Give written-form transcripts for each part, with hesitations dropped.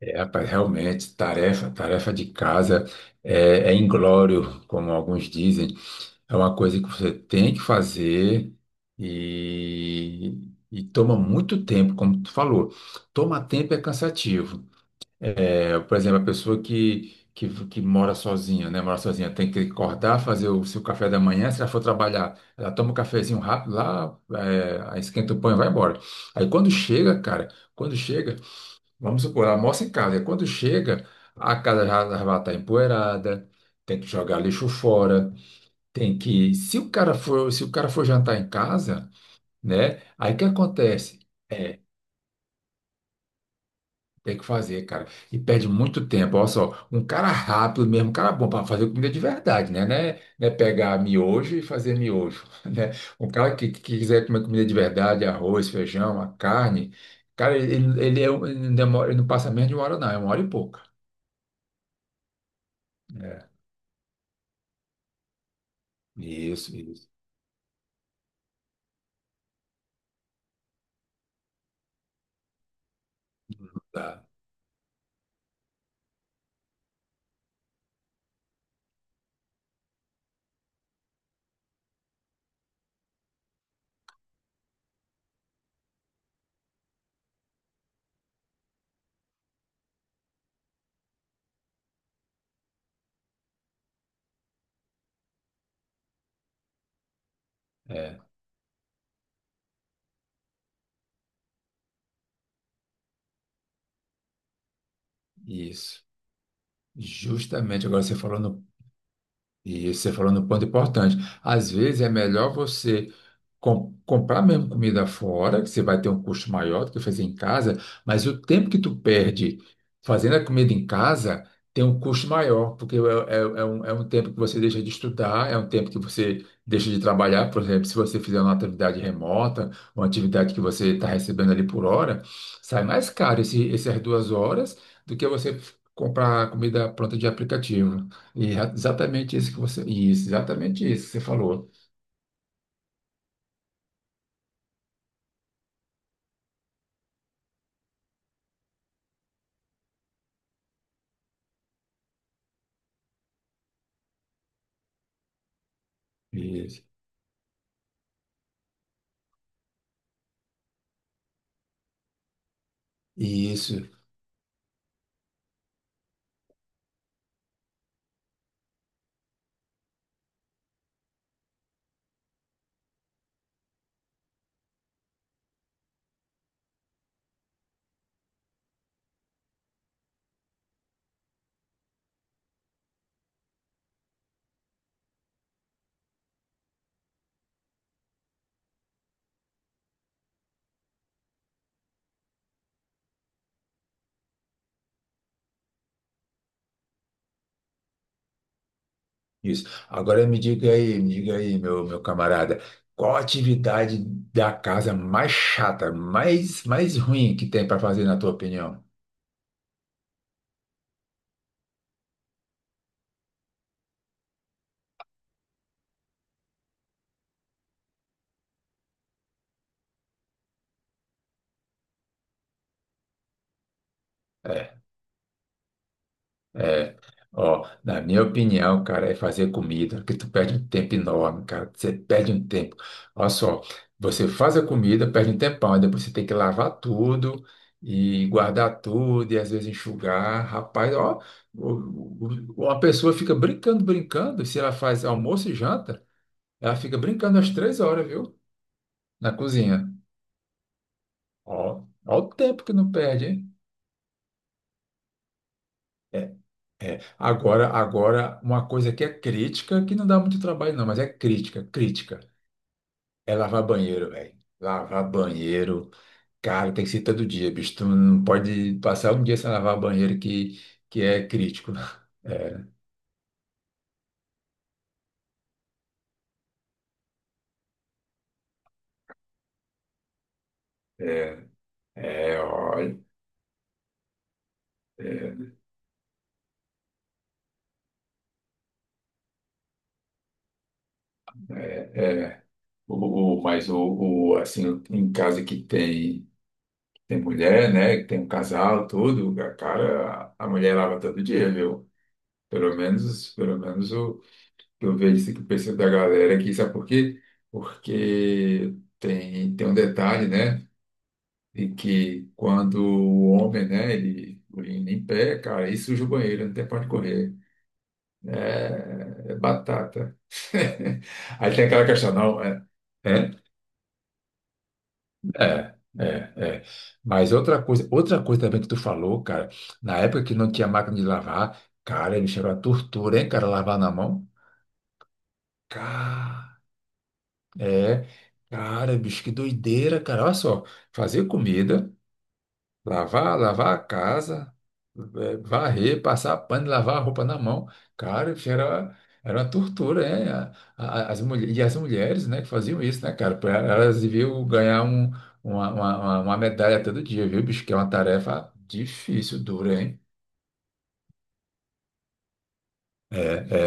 É, rapaz, realmente, tarefa de casa é inglório, como alguns dizem. É uma coisa que você tem que fazer e, e toma muito tempo, como tu falou. Toma tempo é cansativo. É, por exemplo, a pessoa que mora sozinha, né? Mora sozinha, tem que acordar, fazer o seu café da manhã. Se ela for trabalhar, ela toma um cafezinho rápido lá, é, aí esquenta o pão e vai embora. Aí quando chega, cara, quando chega. Vamos supor, almoça em casa. E quando chega, a casa já já vai estar empoeirada, tem que jogar lixo fora, tem que. Se o cara for jantar em casa, né? Aí o que acontece? É, tem que fazer, cara. E perde muito tempo. Olha só, um cara rápido mesmo, um cara bom para fazer comida de verdade, né? Né, né pegar miojo e fazer miojo, né? Um cara que quiser comer comida de verdade, arroz, feijão, a carne, cara, ele, é um- ele demora, ele não passa menos de uma hora, não, é uma hora e pouca. Né? Isso, isso. Tá. É, isso. Justamente agora você falou no, e você falou no ponto importante. Às vezes é melhor você com- comprar mesmo comida fora, que você vai ter um custo maior do que fazer em casa, mas o tempo que tu perde fazendo a comida em casa tem um custo maior, porque é um tempo que você deixa de estudar, é um tempo que você deixa de trabalhar, por exemplo, se você fizer uma atividade remota, uma atividade que você está recebendo ali por hora, sai mais caro esse, essas duas horas do que você comprar comida pronta de aplicativo. E é exatamente isso que você, isso, exatamente isso que você falou. Isso. Isso. Isso. Agora me diga aí, meu, meu camarada, qual a atividade da casa mais chata, mais, mais ruim que tem para fazer, na tua opinião? É, é. Ó, na minha opinião, cara, é fazer comida, que tu perde um tempo enorme, cara. Você perde um tempo. Olha só, você faz a comida, perde um tempão, aí depois você tem que lavar tudo e guardar tudo e às vezes enxugar. Rapaz, ó, o- uma pessoa fica brincando, brincando, se ela faz almoço e janta. Ela fica brincando às 3 horas, viu? Na cozinha. Ó, ó o tempo que não perde, hein? É, é. Agora, agora, uma coisa que é crítica, que não dá muito trabalho, não, mas é crítica, crítica. É lavar banheiro, velho. Lavar banheiro. Cara, tem que ser todo dia, bicho. Tu não pode passar um dia sem lavar banheiro que é crítico. Né? É, é, é, ó, é, é. Mas o, assim, em casa que tem. Tem mulher, né? que Tem um casal, tudo. A cara, a mulher lava todo dia, viu? Pelo menos o que eu vejo, assim, que o pessoal da galera aqui, sabe por quê? Porque tem, tem um detalhe, né? E que quando o homem, né, ele urina em pé, cara, aí suja o banheiro, não tem pra onde correr. É, é batata. Aí tem aquela questão, não, é. É? É, é, é. Mas outra coisa também que tu falou, cara, na época que não tinha máquina de lavar, cara, bicho, era a tortura, hein, cara, lavar na mão. Cara, é, cara, bicho, que doideira, cara. Olha só, fazer comida. Lavar, lavar a casa, varrer, passar pano, lavar a roupa na mão. Cara, isso era, era uma tortura, né? As mulher, e as mulheres, né, que faziam isso, né, cara? Pra- Elas deviam ganhar um, uma medalha todo dia, viu, bicho? Que é uma tarefa difícil, dura, hein? É,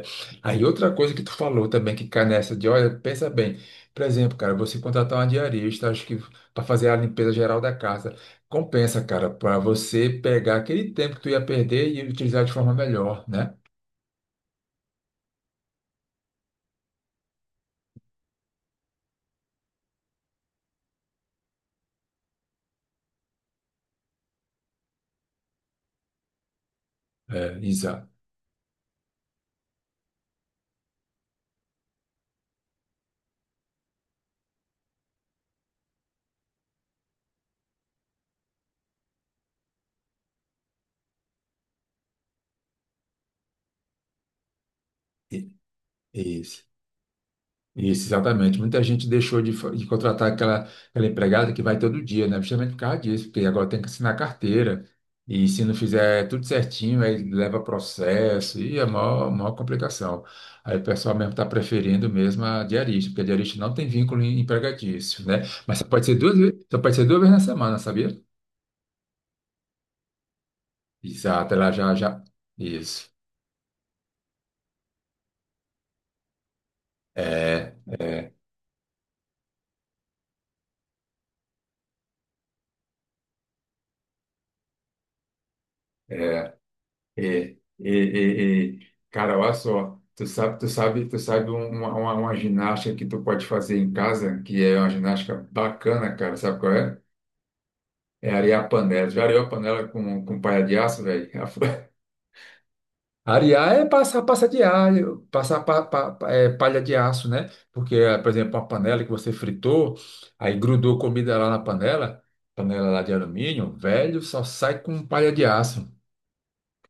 é. Aí outra coisa que tu falou também que cai nessa de, olha, pensa bem, por exemplo, cara, você contratar uma diarista, acho que para fazer a limpeza geral da casa, compensa, cara, para você pegar aquele tempo que tu ia perder e utilizar de forma melhor, né? É, exato. Isso, exatamente. Muita gente deixou de, fa- de contratar aquela, aquela empregada que vai todo dia, né? Justamente por causa disso, porque agora tem que assinar carteira. E se não fizer tudo certinho, aí leva processo e é maior, maior complicação. Aí o pessoal mesmo está preferindo mesmo a diarista, porque a diarista não tem vínculo em- empregatício, né? Mas só pode ser duas, ve- só pode ser duas vezes na semana, sabia? Exato, ela já, já. Isso. É, é. É. É, é, é, é. Cara, olha só, tu sabe um- uma ginástica que tu pode fazer em casa, que é uma ginástica bacana, cara, sabe qual é? É arear a panela. Já areou a panela com palha de aço, velho? Arear é passar passa de alho, passar pa- pa- pa- é, palha de aço, né? Porque, por exemplo, uma panela que você fritou, aí grudou comida lá na panela, panela lá de alumínio, velho, só sai com palha de aço.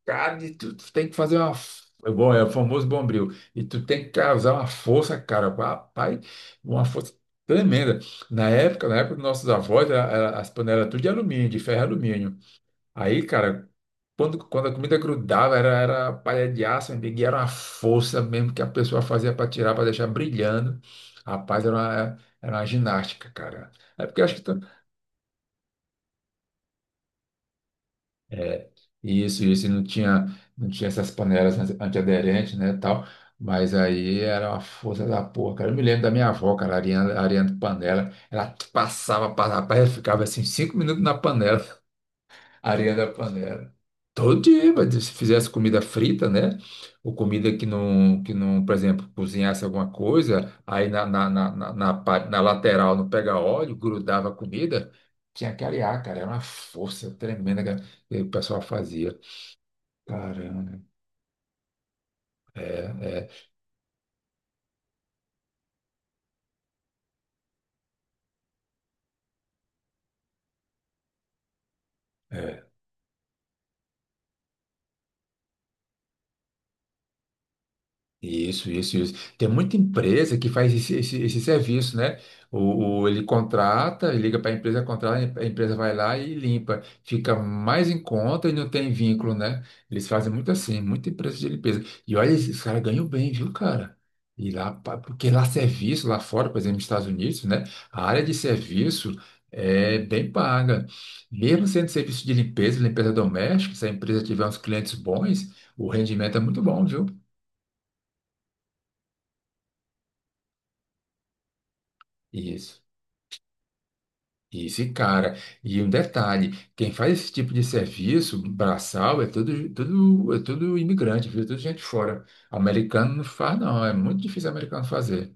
Cara, e tu tem que fazer uma. F- é Bom, é o famoso bombril. E tu tem que causar uma força, cara, rapaz, uma força tremenda. Na época dos nossos avós, as panelas tudo de alumínio, de ferro e alumínio. Aí, cara, quando a comida grudava, era, era palha de aço, meu amigo, e era uma força mesmo que a pessoa fazia para tirar, para deixar brilhando. Rapaz, era uma ginástica, cara. É porque eu acho que é, isso, e não tinha, não tinha essas panelas anti- antiaderentes, né, tal, mas aí era uma força da porra, cara, eu me lembro da minha avó, cara, a Ariana de panela, ela passava, passava, rapaz, eu ficava assim, 5 minutos na panela, a Ariana da panela, todo dia, mas se fizesse comida frita, né, ou comida que não, por exemplo, cozinhasse alguma coisa, aí na parte- na lateral não pega óleo, grudava a comida, tinha que arear, cara, era uma força tremenda, cara, que o pessoal fazia. Caramba, é, é, é. Isso, isso, isso. Tem muita empresa que faz esse, esse, esse serviço, né? Ele contrata, liga para a empresa, contrata, a empresa vai lá e limpa. Fica mais em conta e não tem vínculo, né? Eles fazem muito assim, muita empresa de limpeza. E olha, esses caras ganham bem, viu, cara? E lá, pa- porque lá serviço, lá fora, por exemplo, nos Estados Unidos, né? A área de serviço é bem paga. Mesmo sendo serviço de limpeza, limpeza doméstica, se a empresa tiver uns clientes bons, o rendimento é muito bom, viu? Isso. Isso, e cara. E um detalhe, quem faz esse tipo de serviço braçal é tudo, tudo, é tudo imigrante, viu? Tudo gente fora. Americano não faz, não. É muito difícil americano fazer.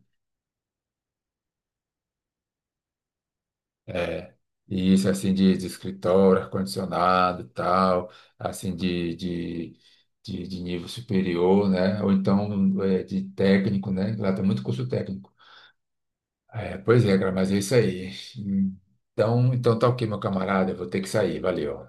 É. E isso, assim, de escritório, ar-condicionado, tal, assim, de, de nível superior, né? Ou então é, de técnico, né? Lá tem muito curso técnico. É, pois é, cara, mas é isso aí. Então, então tá ok, meu camarada. Eu vou ter que sair. Valeu.